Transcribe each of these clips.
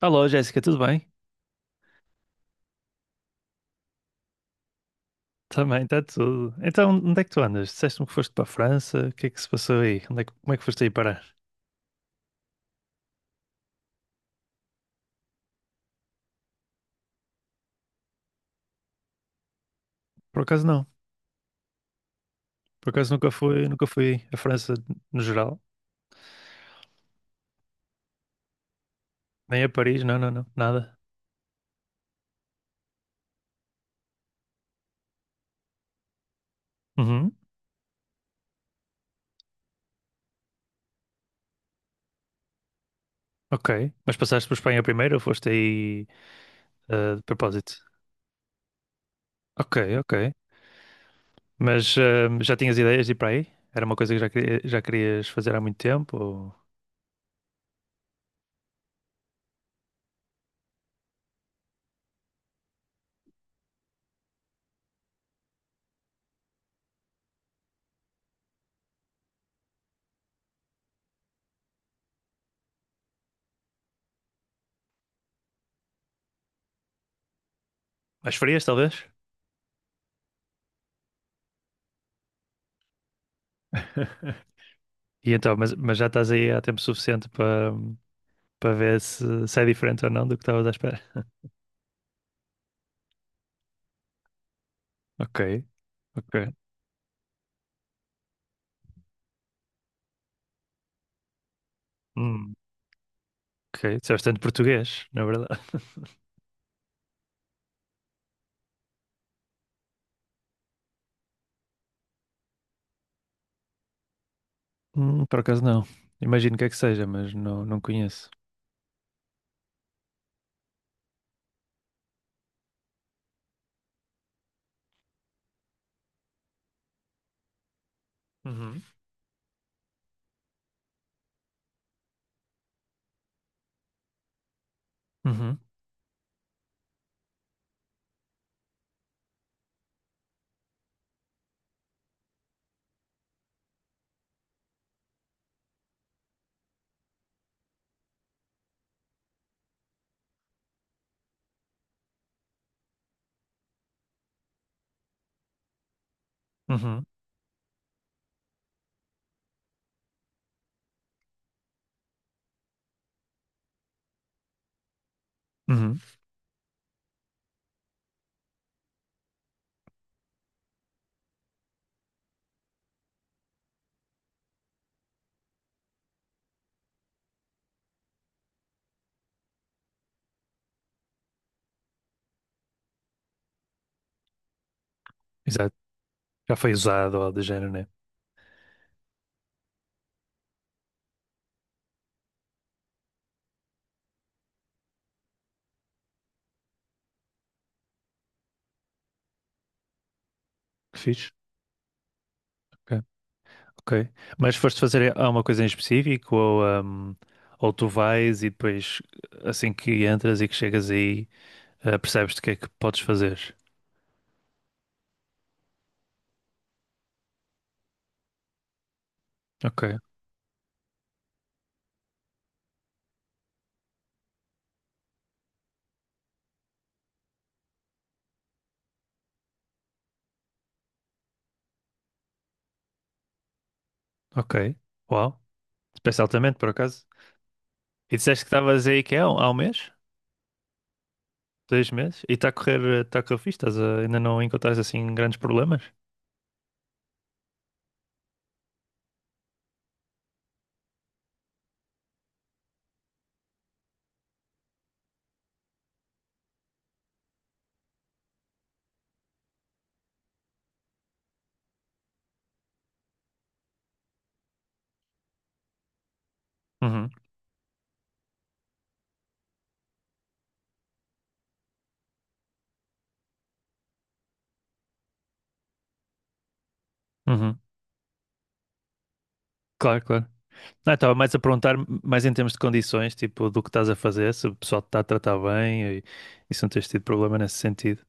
Alô, Jéssica, tudo bem? Também, está tudo. Então, onde é que tu andas? Disseste-me que foste para a França, o que é que se passou aí? Como é que foste aí parar? Por acaso não, por acaso nunca fui à França no geral, nem a Paris, não, nada. Uhum, ok. Mas passaste por Espanha primeiro ou foste aí de propósito? Ok, ok. Mas já tinhas ideias de ir para aí? Era uma coisa que já querias fazer há muito tempo? Ou... Mas farias, talvez? E então, mas já estás aí há tempo suficiente para, para ver se, se é diferente ou não do que estavas à espera. Ok, ok. Hum, ok, disseste tanto português, na verdade. Por acaso não. Imagino que seja, mas não, não conheço. Uhum, uhum, uhum, uhum. Exato. Já foi usado ou de género, né? Que fixe. Ok, ok. Mas foste fazer alguma coisa em específico ou tu vais e depois assim que entras e que chegas aí percebes-te o que é que podes fazer? Ok, ok. Uau. Pensa altamente, por acaso. E disseste que estavas aí que é, há um mês? Dois meses? E está a correr fixe? Estás a- ainda não encontraste assim grandes problemas? Uhum, uhum. Claro, claro. Não, eu estava mais a perguntar, mais em termos de condições, tipo, do que estás a fazer, se o pessoal te está a tratar bem e se não tens tido problema nesse sentido.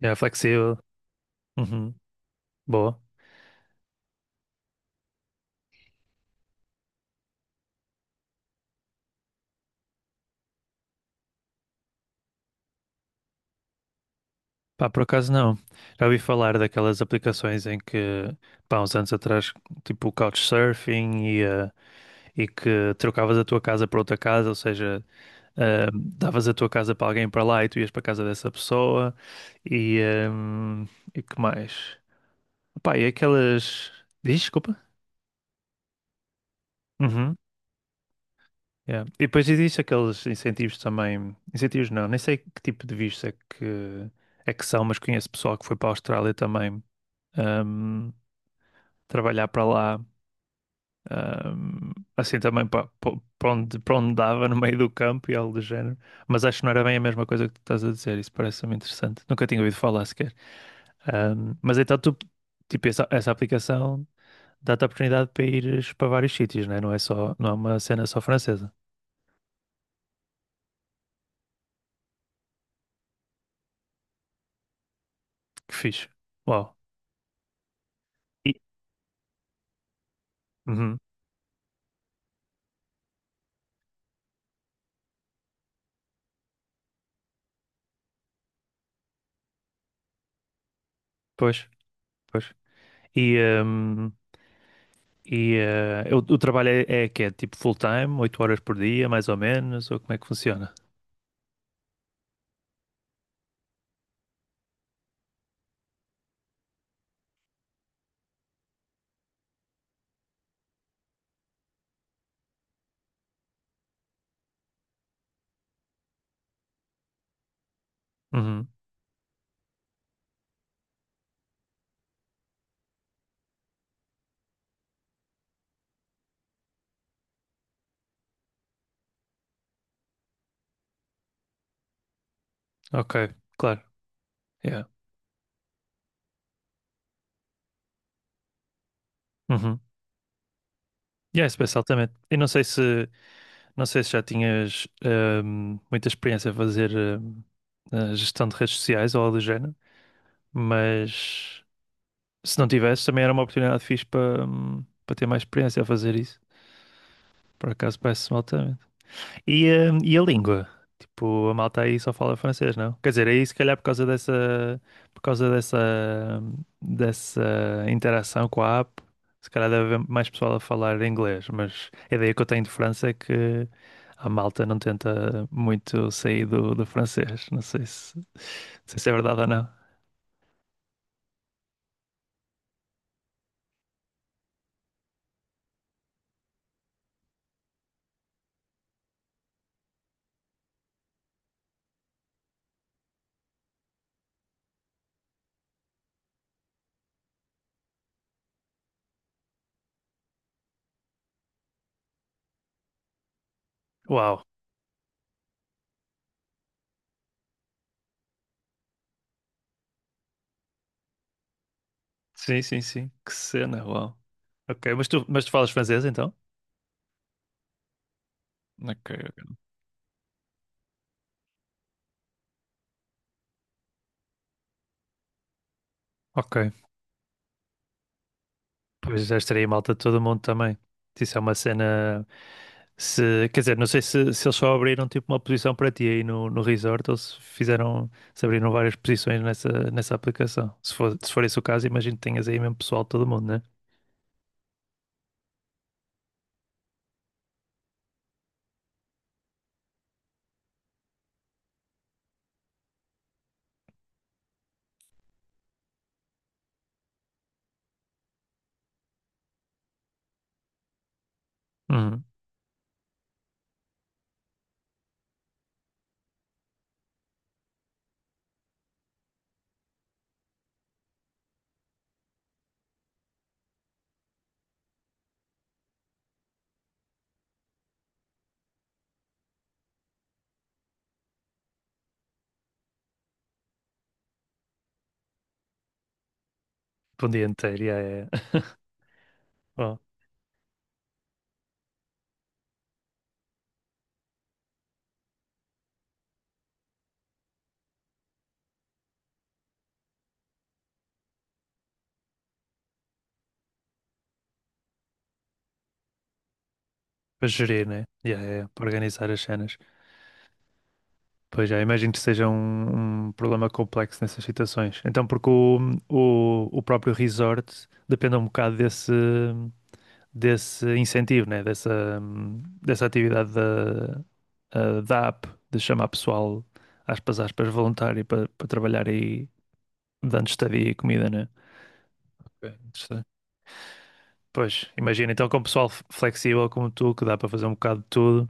É flexível. Uhum. Boa. Pá, por acaso não. Já ouvi falar daquelas aplicações em que, pá, uns anos atrás, tipo o Couchsurfing e, e que trocavas a tua casa por outra casa, ou seja, davas a tua casa para alguém para lá e tu ias para a casa dessa pessoa e, ahm, e que mais? Pá, e aquelas. Diz, desculpa? Uhum. Yeah. E depois existe aqueles incentivos também. Incentivos não, nem sei que tipo de visto é que são, mas conheço pessoal que foi para a Austrália também ahm, trabalhar para lá. Assim também para, para onde dava, no meio do campo e algo do género. Mas acho que não era bem a mesma coisa que tu estás a dizer. Isso parece-me interessante. Nunca tinha ouvido falar sequer. Mas então tu, tipo, essa aplicação dá-te a oportunidade para ires para vários sítios, né? Não é só, não é uma cena só francesa. Que fixe. Uau. E, uhum, pois, pois. E, ahm, e o trabalho é, é que é tipo full-time, 8 horas por dia, mais ou menos, ou como é que funciona? Uhum, ok, claro. Yeah. Uhum. Yeah, especial também. E não sei se, não sei se já tinhas muita experiência a fazer a gestão de redes sociais ou algo do género. Mas se não tivesse, também era uma oportunidade fixe para para ter mais experiência a fazer isso. Por acaso parece-me altamente. E a língua? Tipo, a malta aí só fala francês, não? Quer dizer, aí se calhar por causa dessa, hum, dessa interação com a app, se calhar deve haver mais pessoal a falar inglês. Mas a ideia que eu tenho de França é que a malta não tenta muito sair do francês. Não sei se é verdade ou não. Uau! Sim, sim, sim. Que cena, uau. Ok, mas tu falas francês então? Ok, ok. Ok. Pois já estaria malta de todo mundo também. Isso é uma cena. Se, quer dizer, não sei se, se eles só abriram tipo uma posição para ti aí no resort ou se fizeram, se abriram várias posições nessa aplicação. Se for, se for esse o caso, imagino que tenhas aí mesmo pessoal de todo mundo, né? Uhum. Para um dia inteiro, yeah, yeah, yeah. Bom, para gerir, né? Yeah, yeah, yeah. Para organizar as cenas. Pois já, imagino que seja um, um problema complexo nessas situações. Então, porque o próprio resort depende um bocado desse, desse incentivo, né? Dessa, dessa atividade da, ah, da app, de chamar pessoal, aspas, aspas, voluntário para, para trabalhar aí, dando estadia e comida, né? Ok, interessante. Pois, imagina, então com pessoal f- flexível como tu, que dá para fazer um bocado de tudo,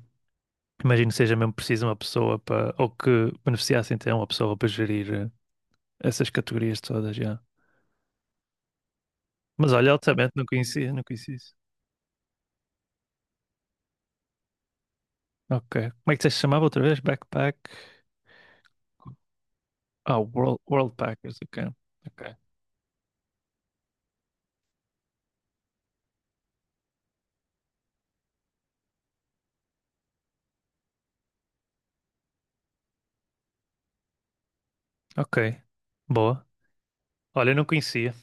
imagino que seja mesmo preciso uma pessoa para, ou que beneficiasse então uma pessoa para gerir. Essas categorias todas, já. Mas olha, altamente não conhecia, não conhecia isso. Ok. Como é que se chamava outra vez? Backpack. Ah, World, World Packers, ok. Ok. Ok. Boa. Olha, eu não conhecia.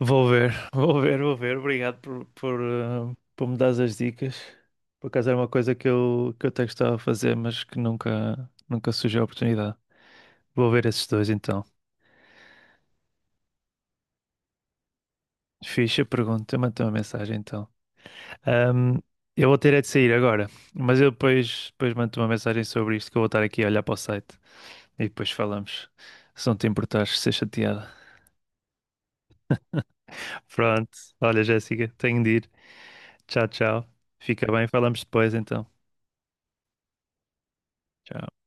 Vou ver, vou ver. Obrigado por, por me dar as dicas. Por acaso era uma coisa que eu até gostava de fazer, mas que nunca, nunca surgiu a oportunidade. Vou ver esses dois então. Ficha pergunta, manda uma mensagem então. Ahm, eu vou ter é de sair agora, mas eu depois, depois mando-te uma mensagem sobre isto que eu vou estar aqui a olhar para o site e depois falamos. Se não te importares, ser chateada. Pronto. Olha, Jéssica, tenho de ir. Tchau, tchau. Fica bem, falamos depois então. Tchau.